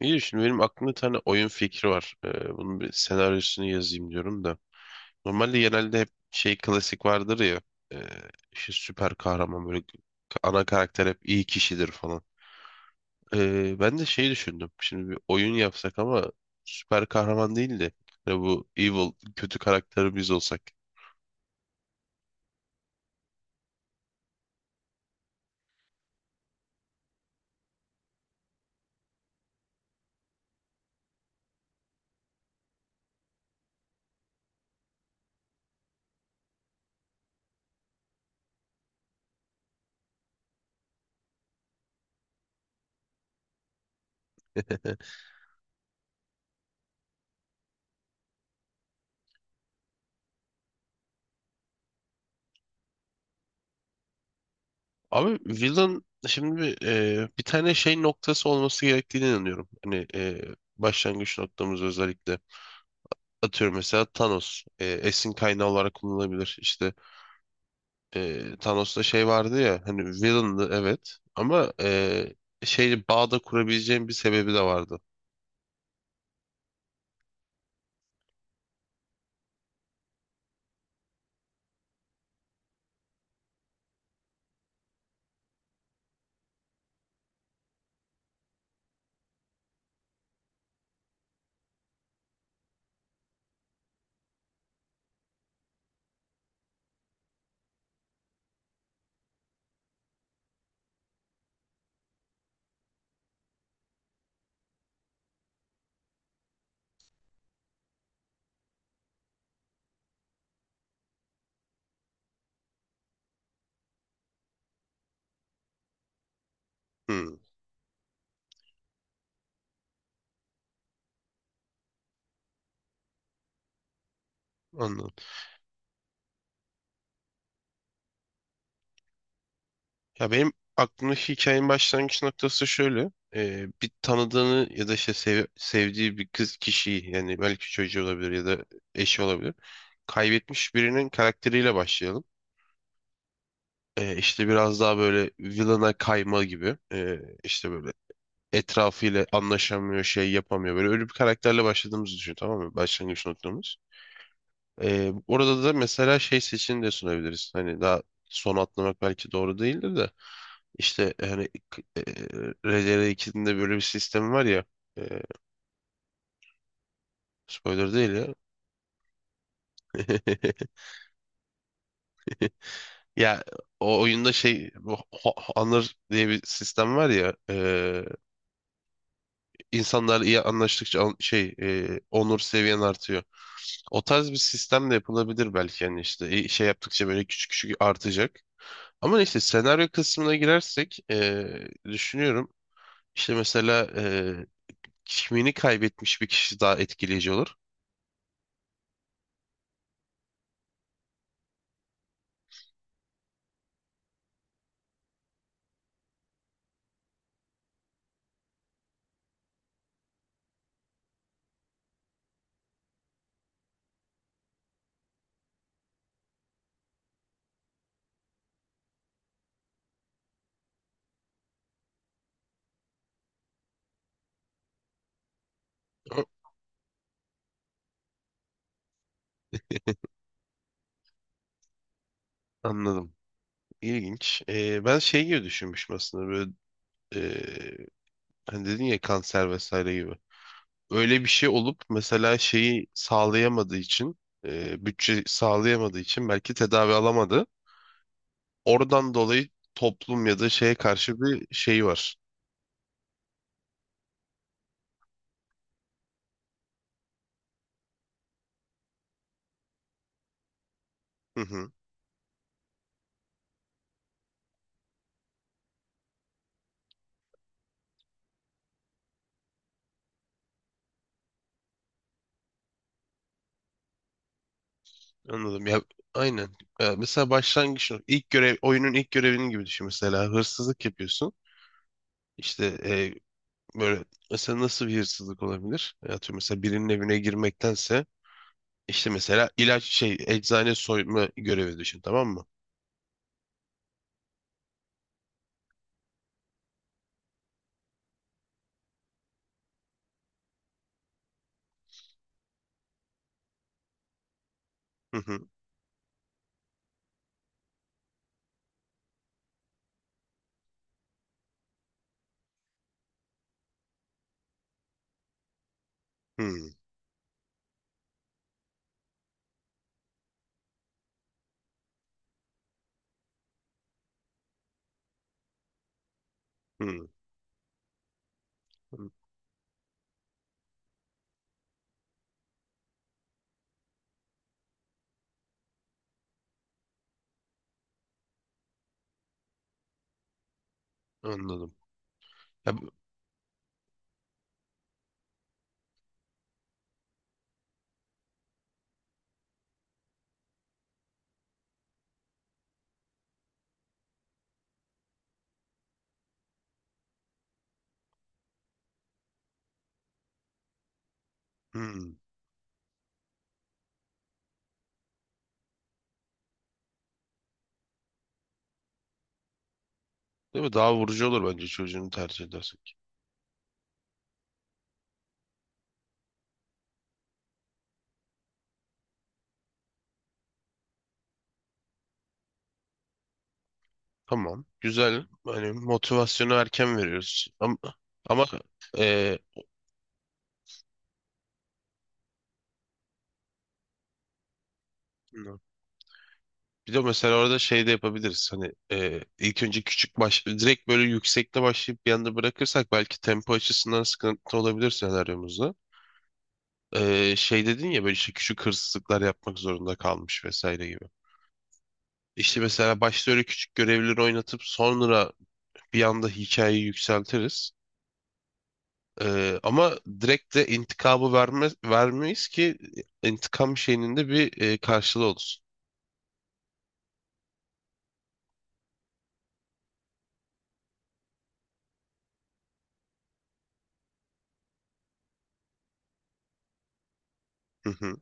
İyi, şimdi benim aklımda bir tane oyun fikri var. Bunun bir senaryosunu yazayım diyorum da. Normalde genelde hep şey klasik vardır ya. E, işte süper kahraman böyle ana karakter hep iyi kişidir falan. Ben de şey düşündüm. Şimdi bir oyun yapsak ama süper kahraman değil de hani bu evil kötü karakteri biz olsak. Abi villain şimdi bir tane şey noktası olması gerektiğine inanıyorum. Hani başlangıç noktamız özellikle. Atıyorum mesela Thanos esin kaynağı olarak kullanılabilir. İşte Thanos'ta şey vardı ya, hani villain'dı, evet, ama şey bağda kurabileceğim bir sebebi de vardı. Hmm, anladım. Ya benim aklımdaki hikayenin başlangıç noktası şöyle. E, bir tanıdığını ya da işte sevdiği bir kız kişiyi, yani belki çocuğu olabilir ya da eşi olabilir. Kaybetmiş birinin karakteriyle başlayalım. E, işte biraz daha böyle villain'a kayma gibi. E, işte böyle etrafıyla anlaşamıyor, şey yapamıyor. Böyle öyle bir karakterle başladığımızı düşün, tamam mı? Başlangıç noktamız. Orada da mesela şey seçeneğini de sunabiliriz. Hani daha son atlamak belki doğru değildir de. İşte hani RDR2'nin de böyle bir sistemi var ya. e, Spoiler değil ya. Ya o oyunda şey bu honor diye bir sistem var ya. İnsanlar iyi anlaştıkça şey onur seviyen artıyor. O tarz bir sistem de yapılabilir belki, yani işte şey yaptıkça böyle küçük küçük artacak. Ama neyse, senaryo kısmına girersek düşünüyorum işte, mesela kimliğini kaybetmiş bir kişi daha etkileyici olur. Hı, anladım. İlginç. E, ben şey gibi düşünmüşüm aslında, böyle e, hani dedin ya kanser vesaire gibi. Öyle bir şey olup mesela şeyi sağlayamadığı için, bütçe sağlayamadığı için belki tedavi alamadı. Oradan dolayı toplum ya da şeye karşı bir şey var. Hı hı, anladım. Ya aynen. Ya, mesela ilk görev, oyunun ilk görevinin gibi düşün, mesela hırsızlık yapıyorsun. İşte böyle mesela nasıl bir hırsızlık olabilir? Ya atıyorum mesela birinin evine girmektense, işte mesela ilaç şey, eczane soyma görevi düşün, tamam mı? Hı hı. Hı hı. Hı, anladım. Ya, bu- hı. Değil mi? Daha vurucu olur bence çocuğunu tercih edersen. Tamam. Güzel. Hani motivasyonu erken veriyoruz. Ama, ama e, bir de mesela orada şey de yapabiliriz. Hani ilk önce küçük baş direkt böyle yüksekte başlayıp bir anda bırakırsak, belki tempo açısından sıkıntı olabilir senaryomuzda. E, şey dedin ya böyle, işte küçük hırsızlıklar yapmak zorunda kalmış vesaire gibi. İşte mesela başta öyle küçük görevleri oynatıp sonra bir anda hikayeyi yükseltiriz. Ama direkt de intikamı verme, vermeyiz ki intikam şeyinin de bir karşılığı olsun. Hı hı,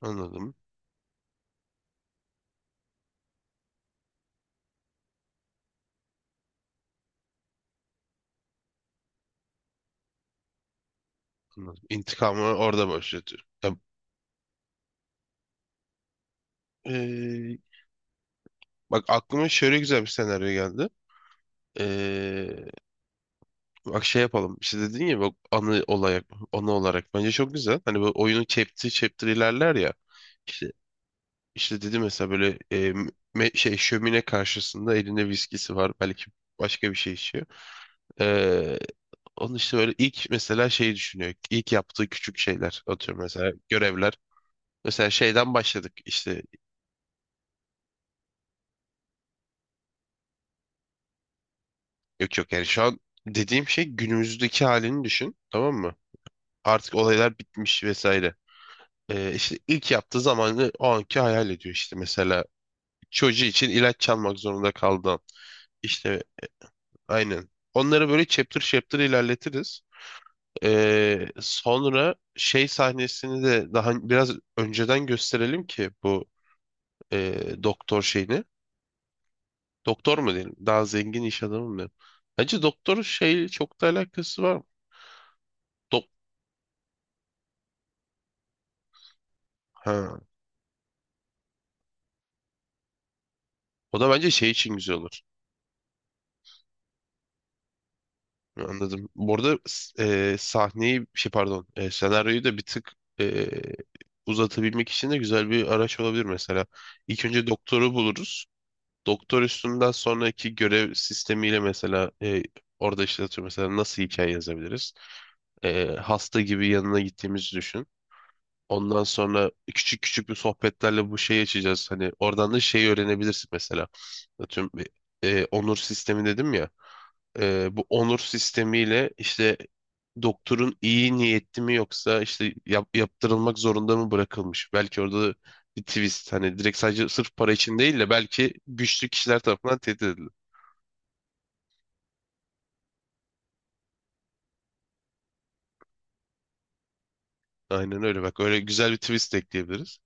anladım, anladım. İntikamı orada başlatıyor. Ya, e, bak aklıma şöyle güzel bir senaryo geldi. Ee, Bak şey yapalım. İşte dedin ya bak, anı olarak, anı olarak bence çok güzel. Hani böyle oyunu chapter chapter ilerler ya. İşte, işte dedi mesela böyle şey, şömine karşısında elinde viskisi var, belki başka bir şey içiyor. Onun işte böyle ilk mesela şeyi düşünüyor. İlk yaptığı küçük şeyler. Atıyorum mesela görevler. Mesela şeyden başladık işte. Yok yok, yani şu an dediğim şey günümüzdeki halini düşün. Tamam mı? Artık olaylar bitmiş vesaire. İşte ilk yaptığı zamanı o anki hayal ediyor işte. Mesela çocuğu için ilaç çalmak zorunda kaldı. İşte aynen. Onları böyle chapter chapter ilerletiriz. Sonra şey sahnesini de daha biraz önceden gösterelim ki bu doktor şeyini. Doktor mu diyelim? Daha zengin iş adamı mı diyelim? Bence doktorun şeyle çok da alakası var mı? Dok, ha. O da bence şey için güzel olur. Anladım. Bu arada sahneyi şey, pardon, senaryoyu da bir tık e, uzatabilmek için de güzel bir araç olabilir mesela. İlk önce doktoru buluruz. Doktor üstünden sonraki görev sistemiyle mesela orada işte atıyorum mesela nasıl hikaye yazabiliriz? E, hasta gibi yanına gittiğimizi düşün. Ondan sonra küçük küçük bir sohbetlerle bu şeyi açacağız. Hani oradan da şeyi öğrenebilirsin mesela. Atıyorum onur sistemi dedim ya. E, bu onur sistemiyle işte doktorun iyi niyetli mi yoksa işte yaptırılmak zorunda mı bırakılmış? Belki orada bir twist, hani direkt sadece sırf para için değil de belki güçlü kişiler tarafından tehdit edildi. Aynen öyle bak. Öyle güzel bir twist de ekleyebiliriz.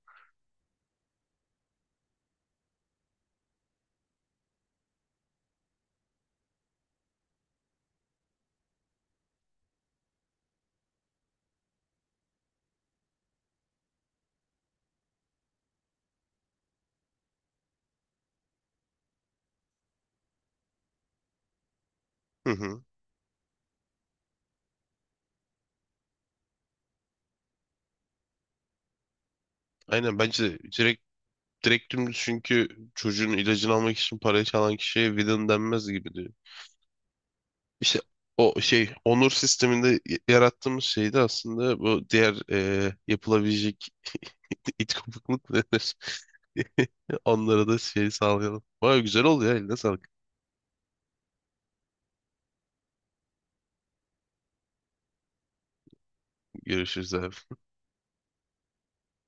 Hı hı. Aynen bence de, direkt dümdüz, çünkü çocuğun ilacını almak için parayı çalan kişiye villain denmez gibi diyor. İşte o şey onur sisteminde yarattığımız şey de aslında bu diğer yapılabilecek it kopukluk denir. Onlara da şey sağlayalım. Vay güzel oldu ya, eline sağlık. Görüşürüz abi.